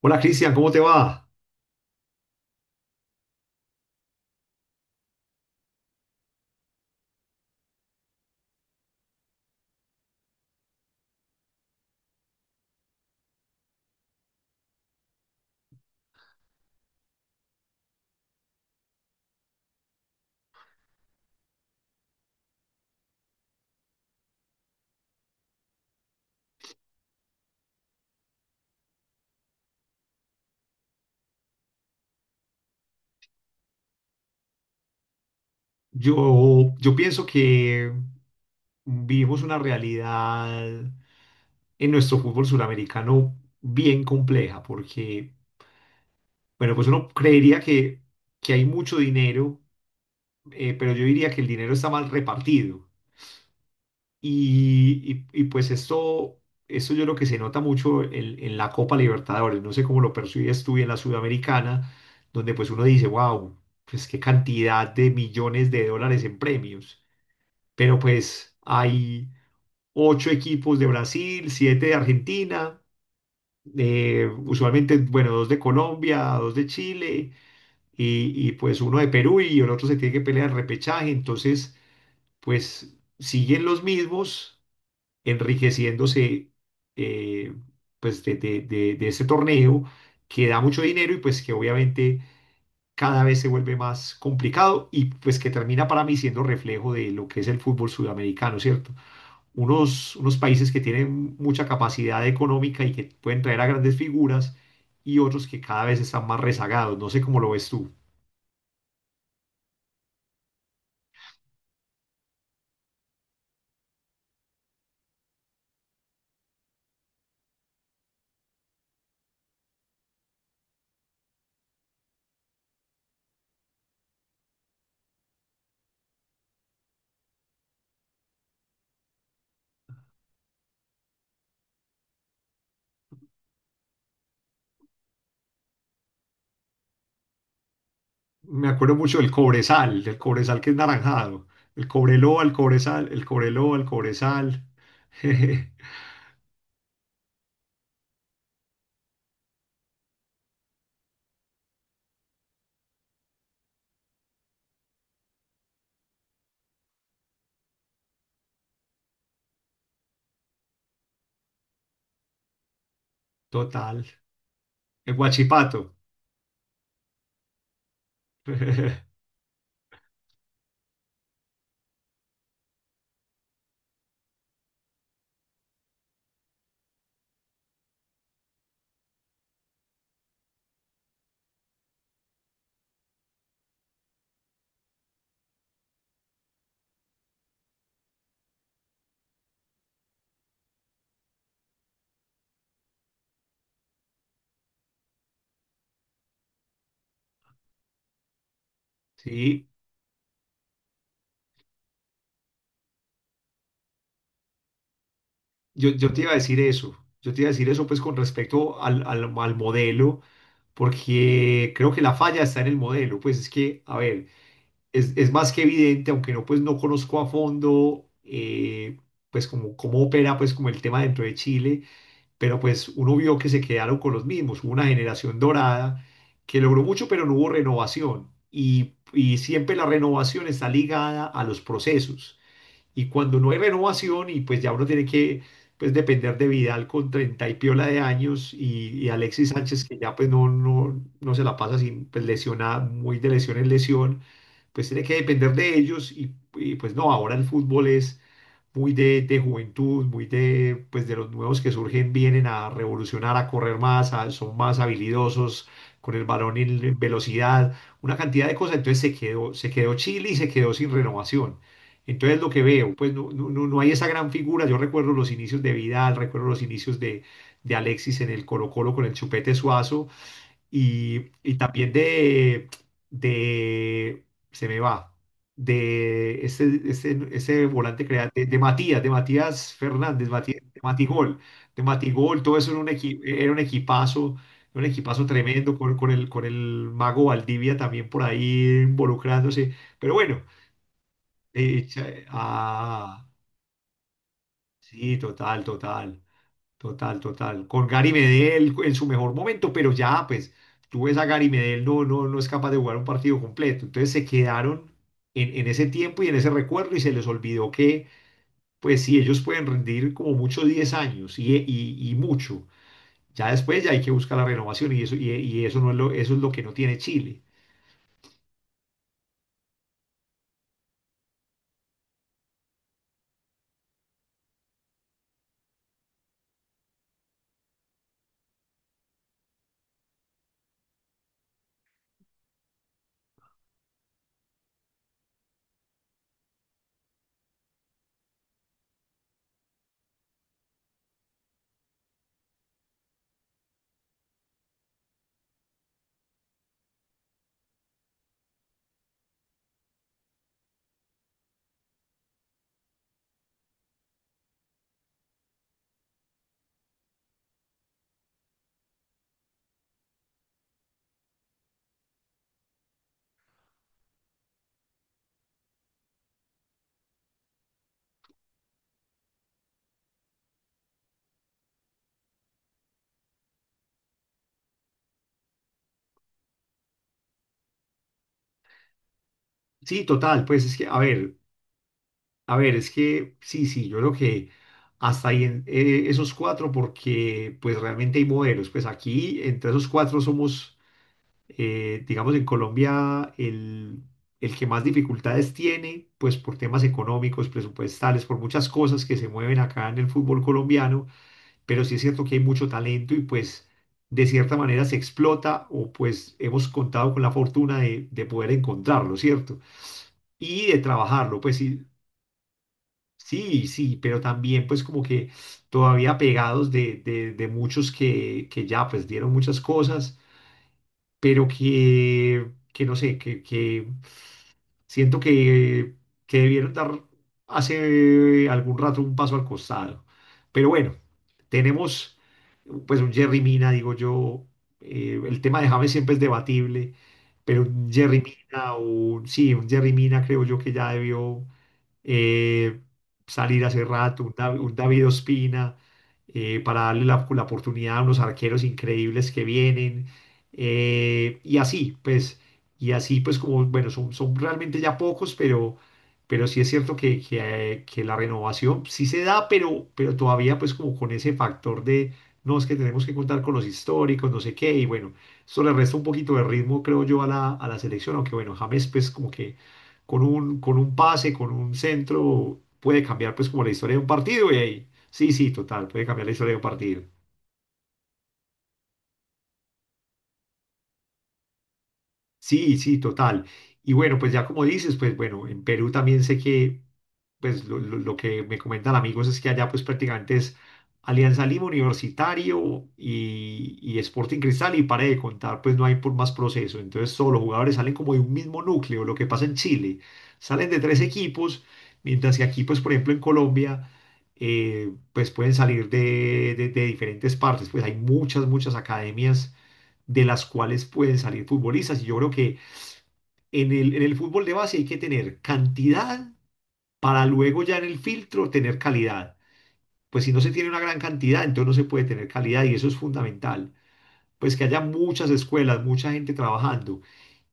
Hola Cristian, ¿cómo te va? Yo pienso que vivimos una realidad en nuestro fútbol suramericano bien compleja, porque, bueno, pues uno creería que hay mucho dinero, pero yo diría que el dinero está mal repartido. Y, pues esto yo creo que se nota mucho en la Copa Libertadores, no sé cómo lo percibes tú en la Sudamericana, donde pues uno dice, wow, pues qué cantidad de millones de dólares en premios, pero pues hay ocho equipos de Brasil, siete de Argentina, usualmente, bueno, dos de Colombia, dos de Chile y pues uno de Perú y el otro se tiene que pelear el repechaje, entonces pues siguen los mismos enriqueciéndose eh, pues de, de ese torneo que da mucho dinero y pues que obviamente cada vez se vuelve más complicado y pues que termina para mí siendo reflejo de lo que es el fútbol sudamericano, ¿cierto? Unos países que tienen mucha capacidad económica y que pueden traer a grandes figuras y otros que cada vez están más rezagados, no sé cómo lo ves tú. Me acuerdo mucho del Cobresal que es naranjado, el Cobreloa, el Cobresal, el Cobreloa, el Cobresal. Total. El Guachipato. Sí, yo te iba a decir eso. Yo te iba a decir eso pues con respecto al modelo, porque creo que la falla está en el modelo. Pues es que, a ver, es más que evidente, aunque no pues no conozco a fondo pues como cómo opera pues como el tema dentro de Chile, pero pues uno vio que se quedaron con los mismos. Hubo una generación dorada que logró mucho, pero no hubo renovación. Y siempre la renovación está ligada a los procesos. Y cuando no hay renovación y pues ya uno tiene que pues depender de Vidal con 30 y piola de años y Alexis Sánchez que ya pues no se la pasa sin pues lesionada muy de lesión en lesión, pues tiene que depender de ellos y, pues no, ahora el fútbol es muy de juventud, muy de, pues de los nuevos que surgen, vienen a revolucionar, a correr más, son más habilidosos con el balón en velocidad, una cantidad de cosas. Entonces se quedó Chile y se quedó sin renovación. Entonces lo que veo, pues no hay esa gran figura. Yo recuerdo los inicios de Vidal, recuerdo los inicios de Alexis en el Colo-Colo con el Chupete Suazo y también de, se me va, de ese volante creativo, de Matías, de Matías Fernández, Matías, de Matigol, todo eso era era un equipazo tremendo con, con el mago Valdivia también por ahí involucrándose. Pero bueno, eh, cha- ah, sí, total, total. Total, total. Con Gary Medel en su mejor momento, pero ya, pues, tú ves a Gary Medel, no es capaz de jugar un partido completo. Entonces se quedaron en ese tiempo y en ese recuerdo y se les olvidó que, pues, sí, ellos pueden rendir como mucho 10 años y mucho. Ya después ya hay que buscar la renovación y eso, y eso no es lo, eso es lo que no tiene Chile. Sí, total, pues es que, a ver, A ver, es que sí, sí, yo creo que hasta ahí esos cuatro, porque pues realmente hay modelos. Pues aquí, entre esos cuatro, somos, digamos, en Colombia, el que más dificultades tiene, pues por temas económicos, presupuestales, por muchas cosas que se mueven acá en el fútbol colombiano. Pero sí es cierto que hay mucho talento y pues de cierta manera se explota o pues hemos contado con la fortuna de poder encontrarlo, ¿cierto? Y de trabajarlo. Pues sí, sí, sí, pero también pues como que todavía pegados de, de muchos que ya pues dieron muchas cosas, pero que no sé, que siento que debieron dar hace algún rato un paso al costado. Pero bueno, tenemos pues un Jerry Mina, digo yo, el tema de James siempre es debatible, pero un Jerry Mina, o sí, un Jerry Mina creo yo que ya debió eh, salir hace rato, un David Ospina, para darle la, la oportunidad a unos arqueros increíbles que vienen. Y así, pues, como, bueno, son realmente ya pocos, pero sí es cierto que, que la renovación sí se da, pero todavía, pues, como con ese factor de, no, es que tenemos que contar con los históricos, no sé qué, y bueno, eso le resta un poquito de ritmo, creo yo, a la selección, aunque bueno, James, pues, como que con un pase, con un centro, puede cambiar pues como la historia de un partido y ahí, sí, sí, total, puede cambiar la historia de un partido. Sí, sí, total. Y bueno, pues ya como dices, pues bueno, en Perú también sé que, pues lo, lo que me comentan amigos es que allá pues prácticamente es Alianza Lima Universitario y Sporting Cristal y para de contar, pues no hay por más proceso. Entonces todos los jugadores salen como de un mismo núcleo, lo que pasa en Chile. Salen de tres equipos, mientras que aquí pues por ejemplo en Colombia, pues pueden salir de, de diferentes partes. Pues hay muchas, muchas academias de las cuales pueden salir futbolistas y yo creo que en el fútbol de base hay que tener cantidad para luego ya en el filtro tener calidad. Pues si no se tiene una gran cantidad, entonces no se puede tener calidad y eso es fundamental. Pues que haya muchas escuelas, mucha gente trabajando.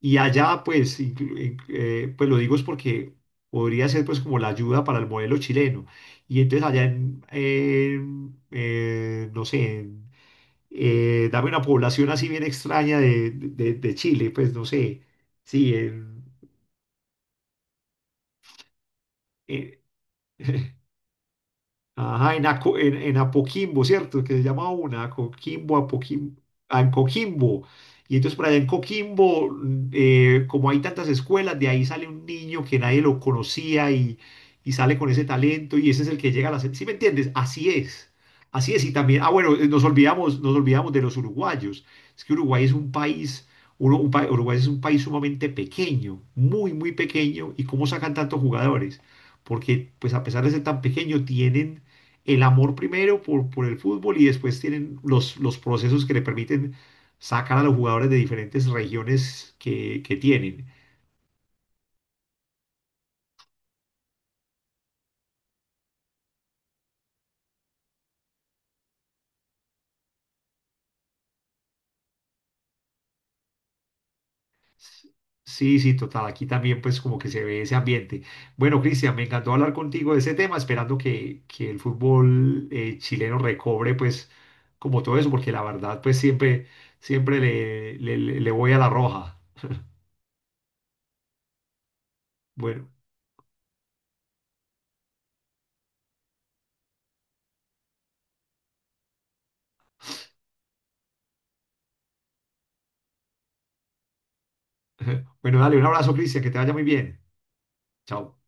Y allá, pues, pues lo digo es porque podría ser pues como la ayuda para el modelo chileno. Y entonces allá no sé, dame una población así bien extraña de Chile, pues no sé, sí, ajá, en Apoquimbo, ¿cierto? Que se llama una, Apoquimbo, ah, en Coquimbo. Y entonces por allá en Coquimbo, como hay tantas escuelas, de ahí sale un niño que nadie lo conocía y sale con ese talento y ese es el que llega a la... ¿Sí me entiendes? Así es. Así es. Y también, ah, bueno, nos olvidamos de los uruguayos. Es que Uruguay es un país, Uruguay es un país sumamente pequeño, muy, muy pequeño. ¿Y cómo sacan tantos jugadores? Porque pues a pesar de ser tan pequeño, tienen el amor primero por el fútbol y después tienen los procesos que le permiten sacar a los jugadores de diferentes regiones que tienen. Sí, sí, total. Aquí también pues como que se ve ese ambiente. Bueno, Cristian, me encantó hablar contigo de ese tema, esperando que el fútbol chileno recobre pues como todo eso, porque la verdad pues siempre, siempre le voy a la roja. Bueno, bueno, dale un abrazo, Cristian, que te vaya muy bien. Chao.